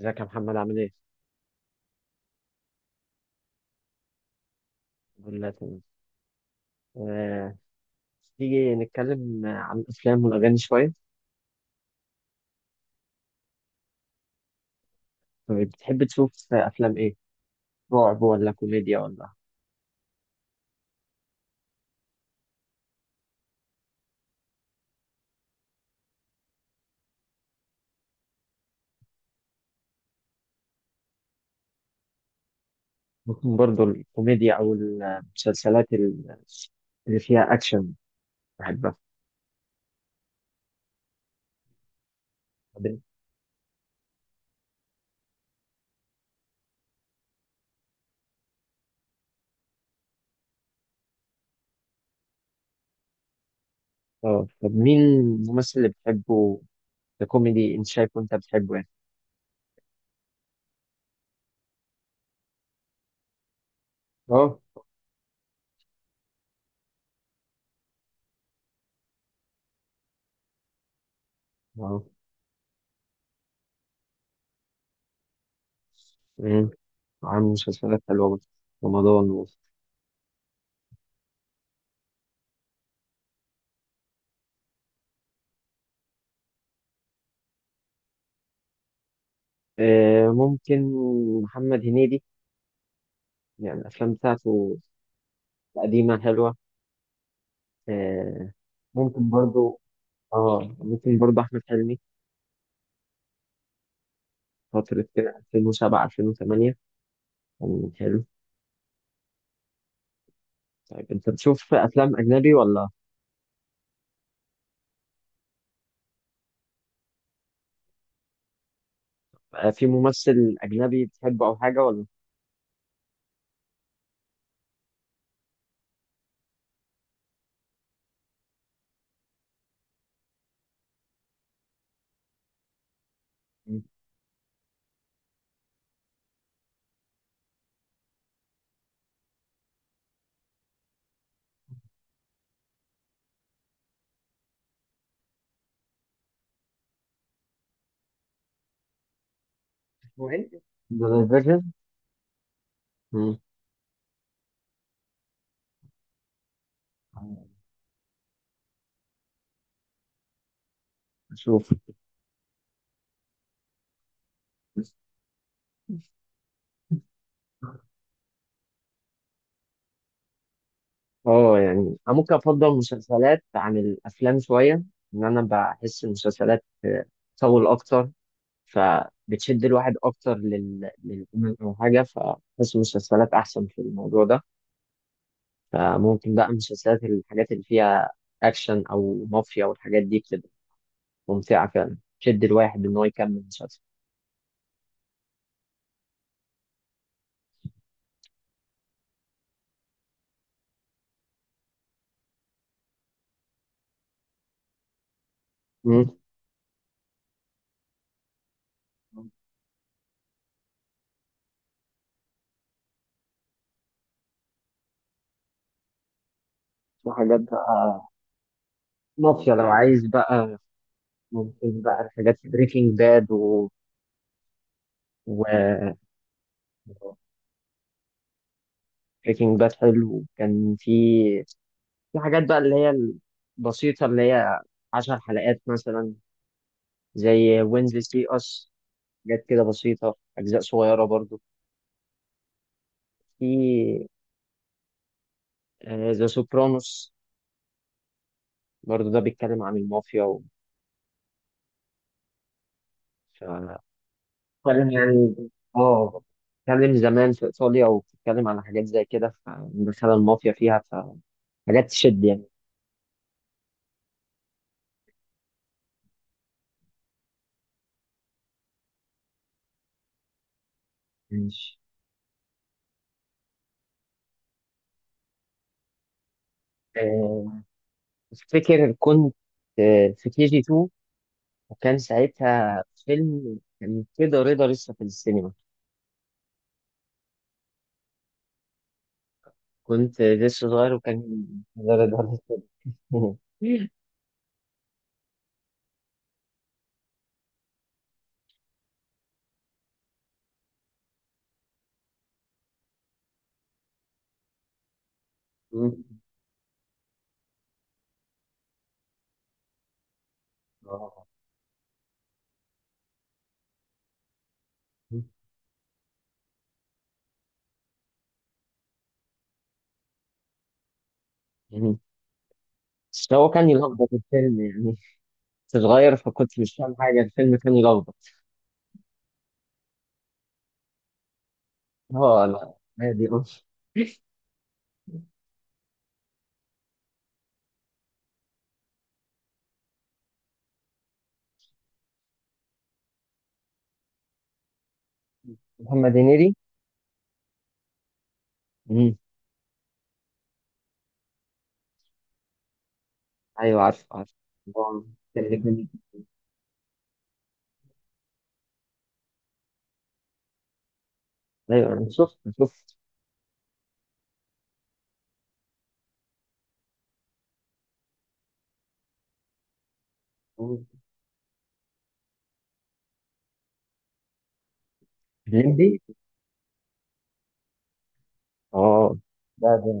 ازيك يا محمد عامل ايه؟ الحمد لله تمام. آه، تيجي نتكلم عن الأفلام والأغاني شوية. طيب بتحب تشوف أفلام ايه؟ رعب ولا كوميديا ولا؟ ممكن برضه الكوميديا أو اللي فيها أكشن بحبها. طب- اه، طب مين الممثل اللي بتحبه ككوميدي، أنت شايفه أنت بتحبه يعني؟ اه اه. مم، عامل مسلسلات حلوة برضه. رمضان ممكن محمد هنيدي، يعني الأفلام بتاعته القديمة حلوة. آه، ممكن برضو، اه ممكن برضو احمد حلمي فترة كده 2007 2008 كان حلو. طيب انت بتشوف افلام اجنبي ولا؟ في ممثل اجنبي بتحبه او حاجة ولا؟ هو إيه؟ ذا ديفيجن؟ اشوف. اه يعني انا ممكن افضل المسلسلات عن الافلام شوية، ان انا بحس المسلسلات تطول اكتر، فبتشد الواحد اكتر او حاجة، فبحس المسلسلات احسن في الموضوع ده. فممكن بقى مسلسلات الحاجات اللي فيها أكشن أو مافيا والحاجات دي بتبقى ممتعة فعلا، تشد الواحد إن هو يكمل مسلسل. مم. في حاجات بقى مافيا لو عايز بقى، ممكن بقى الحاجات بريكنج باد و، و بريكنج باد حلو كان في، في حاجات بقى اللي هي البسيطة اللي هي عشر حلقات مثلا زي وينزلي سي أس، حاجات كده بسيطة أجزاء صغيرة برضو. في ذا سوبرانوس برضه، ده بيتكلم عن المافيا ف- بيتكلم يعني، اه بيتكلم زمان في إيطاليا وبتتكلم عن حاجات زي كده، فدخل المافيا فيها فحاجات تشد يعني. ماشي. آه، أفتكر كنت، في كي جي 2، وكان ساعتها فيلم كان كده رضا لسه في السينما. كنت لسه صغير وكان كده رضا لسه في السينما. آه. بس هو كان يلخبط الفيلم يعني، كنت صغير فكنت مش فاهم حاجة، الفيلم كان يلخبط. اه لا، عادي اه. محمد هنيدي. مم. ايوه عارف عارف. هو كان الاتنين- ايوه انا شفت شفت. مم. الليمبي. اه ده.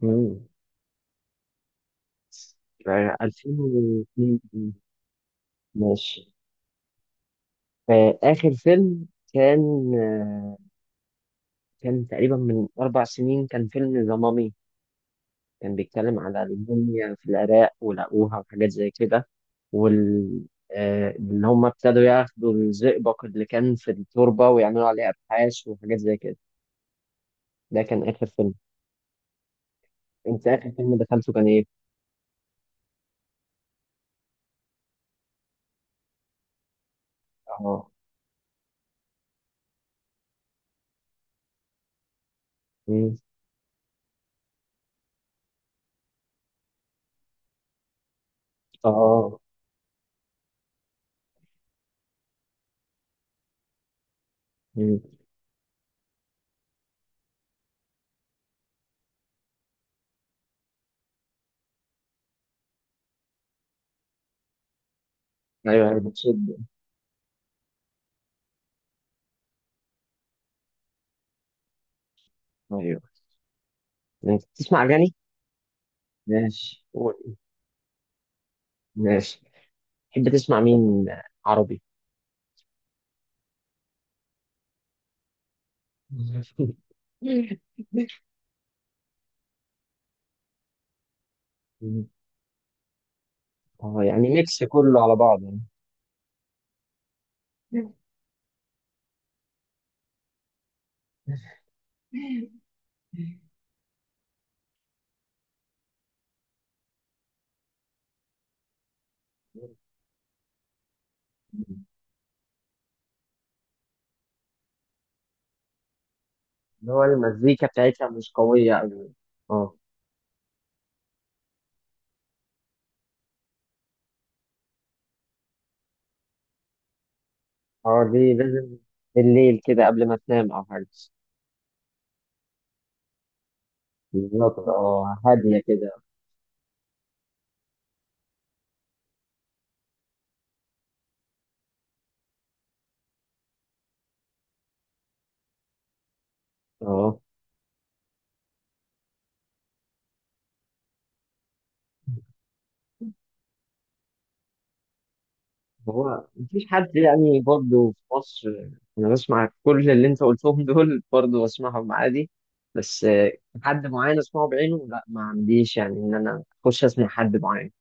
مم. يعني 2002. ماشي. آخر فيلم كان آه، كان تقريبا من أربع سنين، كان فيلم ذا مامي. كان بيتكلم على الموميا في العراق ولقوها وحاجات زي كده، وال إن هم ابتدوا ياخدوا الزئبق اللي كان في التربة ويعملوا عليه أبحاث وحاجات زي كده. ده كان آخر فيلم. أنت آخر فيلم دخلته كان إيه؟ آه. مم. آه. مم. أيوه أيوه بتشد. أيوه. أنت بتسمع أغاني؟ ماشي قول. ماشي، تحب تسمع مين عربي؟ مم. آه يعني ميكس كله على بعضه. اللي هو المزيكا بتاعتها مش قوية أوي. اه. اه دي لازم بالليل كده قبل ما تنام أو حاجة. بالظبط، اه هادية كده. اه. هو مفيش حد يعني برضه في مصر؟ أنا بسمع كل اللي أنت قلتهم، دول برضه بسمعهم عادي. بس حد معين أسمعه بعينه لا ما عنديش، يعني إن أنا أخش أسمع حد معين.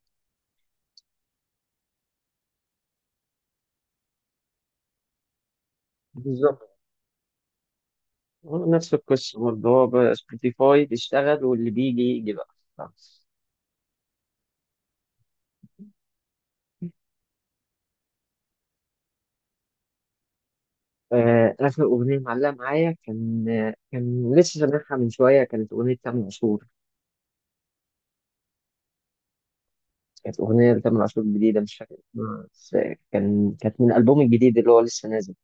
بالظبط. هو نفس القصة برضه، هو بقى سبوتيفاي بيشتغل واللي بيجي يجي بقى. آخر أغنية معلقة معايا كان، كان لسه سامعها من شوية، كانت أغنية تامر عاشور. كانت أغنية لتامر عاشور جديدة مش فاكر اسمها، بس كان كانت من الألبوم الجديد اللي هو لسه نازل.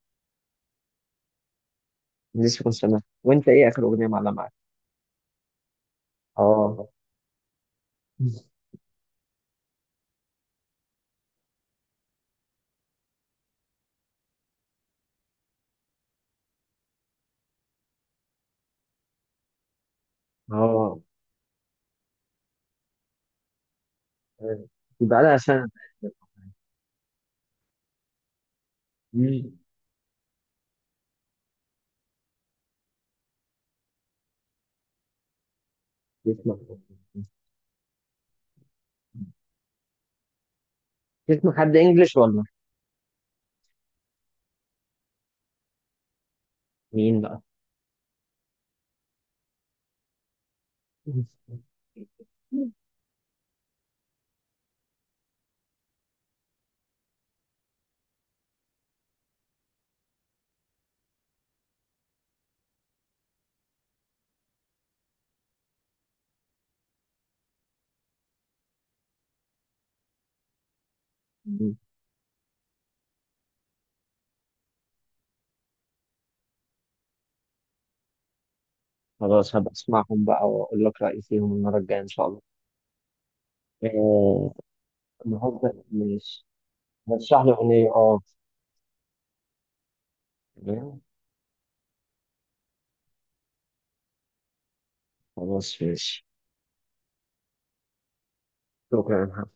لسه كنت سامعها. وأنت إيه آخر أغنية معلقة معاك؟ آه. آه. آه، يبقى لها سنة. مم. بتسمع. بتسمع حد إنجلش ولا؟ مين بقى؟ مم. خلاص هبقى أسمعهم بقى وأقول لك رأيي فيهم المرة الجاية إن شاء الله. آه، النهارده ماشي، رشح لي أغنية أه. تمام، خلاص ماشي. شكرا.